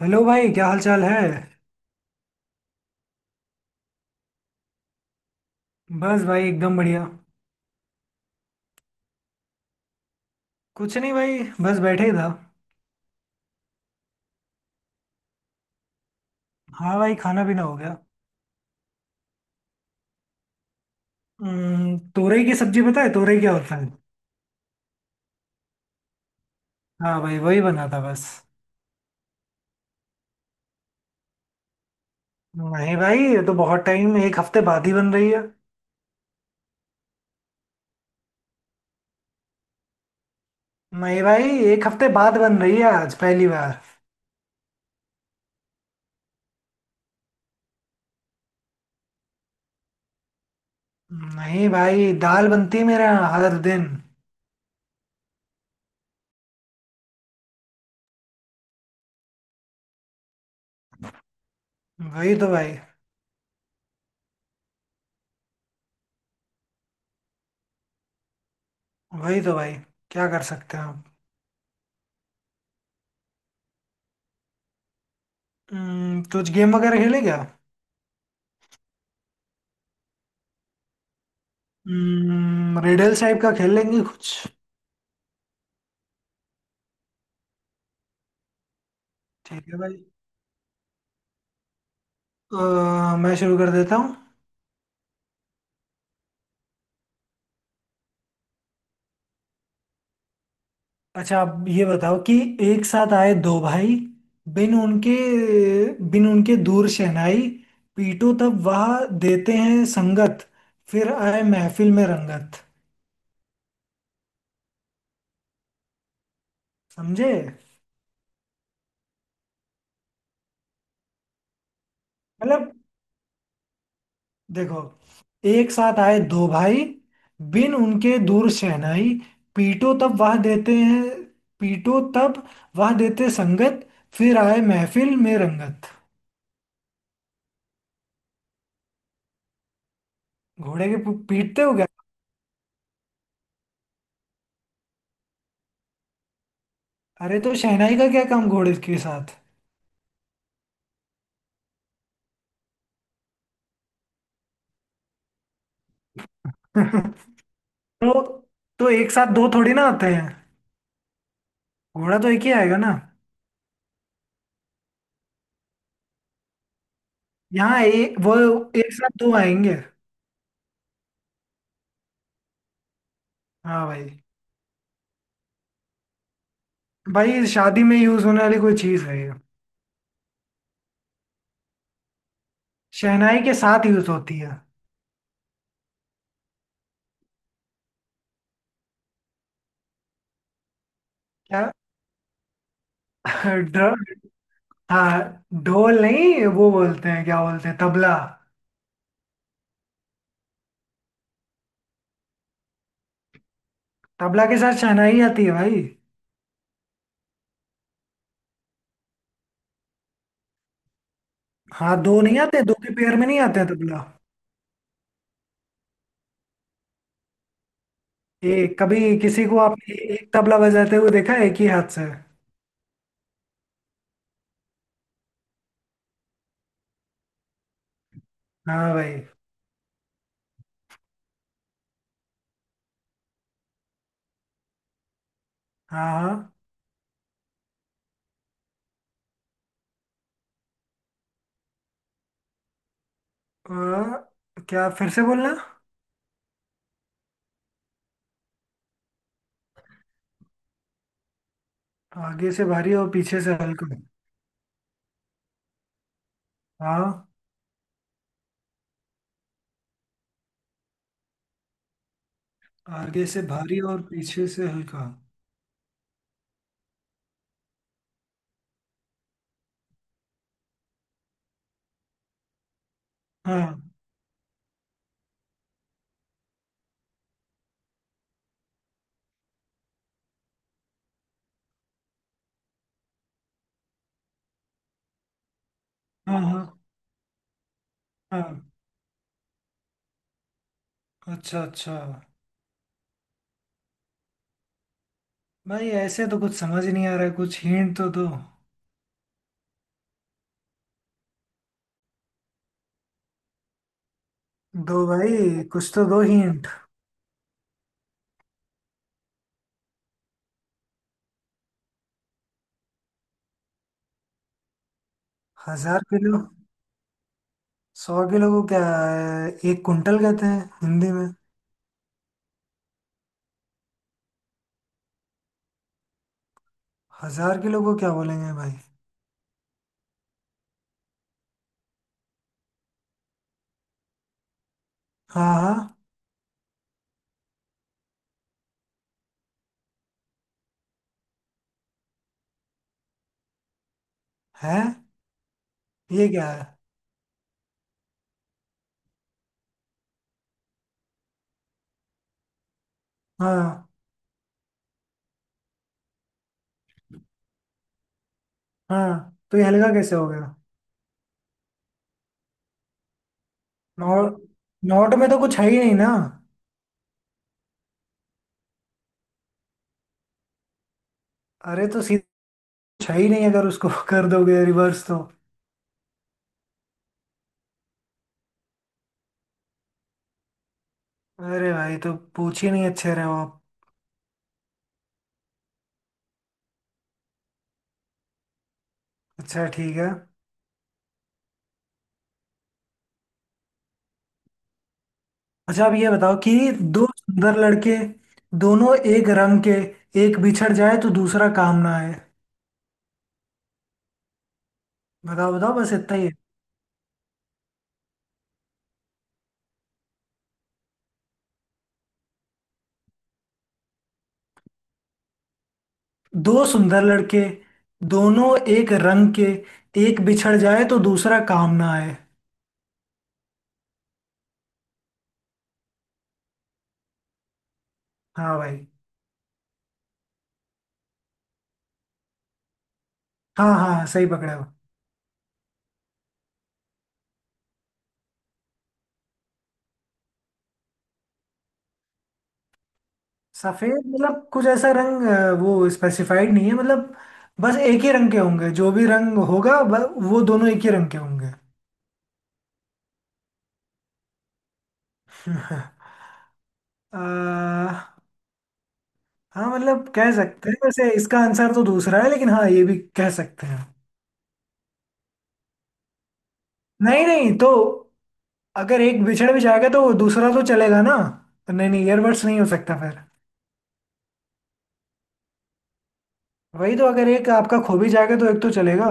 Hello भाई क्या हाल चाल है। बस भाई एकदम बढ़िया। कुछ नहीं भाई। बस बैठे ही था। हाँ भाई खाना पीना हो गया। तोरई की सब्जी। पता है तोरई क्या होता है? हाँ भाई वही बना था बस। नहीं भाई ये तो बहुत टाइम, एक हफ्ते बाद ही बन रही है। नहीं भाई एक हफ्ते बाद बन रही है, आज पहली बार। नहीं भाई दाल बनती है मेरे यहाँ हर दिन। वही तो भाई। वही तो भाई। क्या कर सकते हैं आप। कुछ गेम वगैरह खेलें क्या? रिडल्स टाइप का खेल लेंगे कुछ। ठीक है भाई। मैं शुरू कर देता हूँ। अच्छा आप ये बताओ कि एक साथ आए दो भाई, बिन उनके बिन उनके दूर शहनाई, पीटो तब वह देते हैं संगत, फिर आए महफिल में रंगत। समझे? मतलब देखो, एक साथ आए दो भाई, बिन उनके दूर शहनाई, पीटो तब वह देते हैं पीटो तब वह देते संगत, फिर आए महफिल में रंगत। घोड़े के पीटते हो? अरे तो शहनाई का क्या काम घोड़े के साथ? तो तो एक साथ दो थोड़ी ना आते हैं। घोड़ा तो एक ही आएगा ना। यहाँ वो एक साथ दो आएंगे। हाँ भाई। भाई शादी में यूज होने वाली कोई चीज है ये। शहनाई के साथ यूज होती है। क्या? ढ- हाँ ढोल नहीं, वो बोलते हैं क्या बोलते हैं तबला। तबला के साथ शहनाई आती है भाई। हाँ दो नहीं आते, दो के पेयर में नहीं आते हैं तबला। एक कभी किसी को आपने एक तबला बजाते हुए देखा है एक ही हाथ से? हाँ भाई। हाँ। हाँ। क्या फिर से बोलना। आगे से भारी और पीछे से हल्का। हाँ। आगे से भारी और पीछे से हल्का। हाँ, हाँ, हाँ, हाँ। अच्छा अच्छा। भाई ऐसे तो कुछ समझ नहीं आ रहा है, कुछ हिंट तो दो। दो भाई, कुछ तो दो हिंट। 1,000 किलो। 100 किलो को क्या एक कुंटल कहते हैं हिंदी में। 1,000 किलो को क्या बोलेंगे भाई? हाँ हाँ। है, ये क्या है? हाँ हाँ तो ये हल्का कैसे हो गया? नॉर्थ। नॉर्थ में तो कुछ है ही नहीं ना। अरे तो सीधा कुछ है ही नहीं, अगर उसको कर दोगे रिवर्स तो। अरे भाई तो पूछ ही नहीं अच्छे रहे हो आप। अच्छा ठीक है। अच्छा अब ये बताओ कि दो सुंदर लड़के, दोनों एक रंग के, एक बिछड़ जाए तो दूसरा काम ना आए। बताओ बताओ, बस इतना ही है। दो सुंदर लड़के, दोनों एक रंग के, एक बिछड़ जाए तो दूसरा काम ना आए। हाँ भाई। हाँ, हाँ, हाँ, सही पकड़े हो। सफेद मतलब कुछ ऐसा रंग वो स्पेसिफाइड नहीं है मतलब। बस एक ही रंग के होंगे, जो भी रंग होगा वो दोनों एक ही रंग के होंगे। अ, हाँ मतलब कह सकते हैं, वैसे इसका आंसर तो दूसरा है, लेकिन हाँ ये भी कह सकते हैं। नहीं नहीं तो, अगर एक बिछड़ भी जाएगा तो वो दूसरा तो चलेगा ना। नहीं नहीं ईयरबड्स नहीं हो सकता फिर। वही तो, अगर एक आपका खो भी जाएगा तो एक तो चलेगा।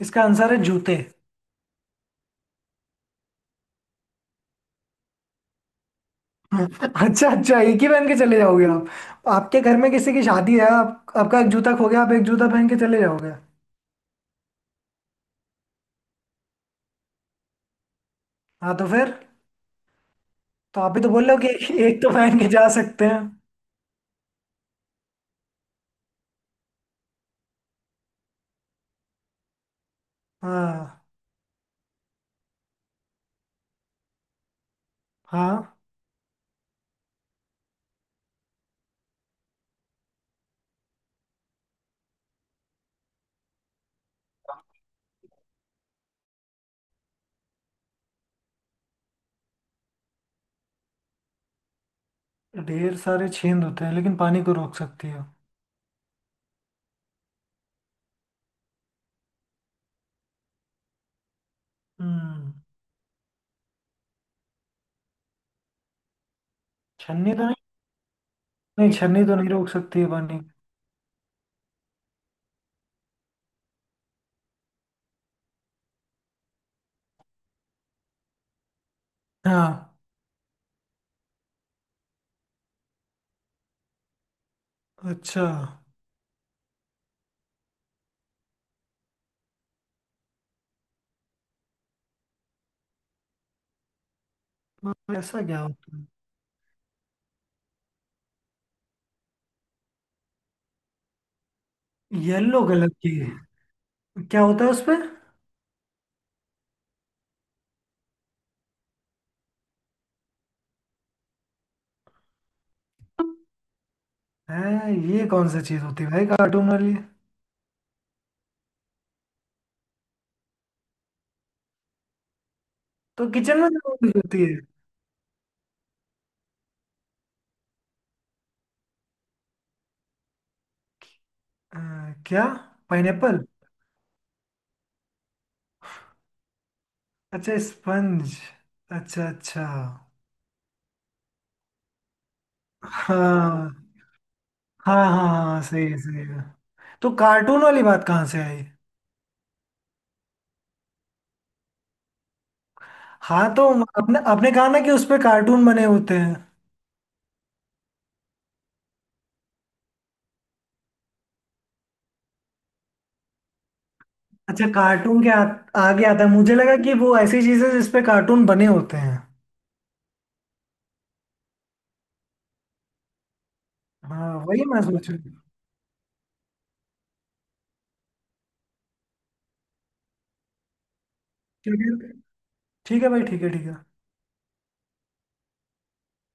इसका आंसर है जूते। अच्छा अच्छा, एक ही पहन के चले जाओगे आप? आपके घर में किसी की शादी है, आप, आपका एक जूता खो गया, आप एक जूता पहन के चले जाओगे? हाँ तो फिर। तो आप भी तो बोल रहे हो कि एक तो पहन के जा सकते हैं। हाँ हाँ। ढेर सारे छेद होते हैं लेकिन पानी को रोक सकती है। हम्म। छन्नी तो नहीं। नहीं, छन्नी तो नहीं रोक सकती है पानी। हाँ। अच्छा। तो ऐसा क्या होता है? येलो कलर की क्या होता है उसपे? है ये कौन सा चीज होती है भाई कार्टून वाली? तो किचन में जरूर होती है। अ, क्या? पाइनएप्पल? अच्छा स्पंज। अच्छा अच्छा। हाँ, हाँ, हाँ, हाँ, सही है सही है। तो कार्टून वाली बात कहाँ से आई? हाँ तो अपने अपने कहा ना कि उस पे कार्टून बने होते हैं। अच्छा कार्टून के आगे आता है, मुझे लगा कि वो ऐसी चीजें जिस पे कार्टून बने होते हैं। हाँ वही मैं सोच रहा हूँ। ठीक है ठीक है भाई, ठीक है ठीक है।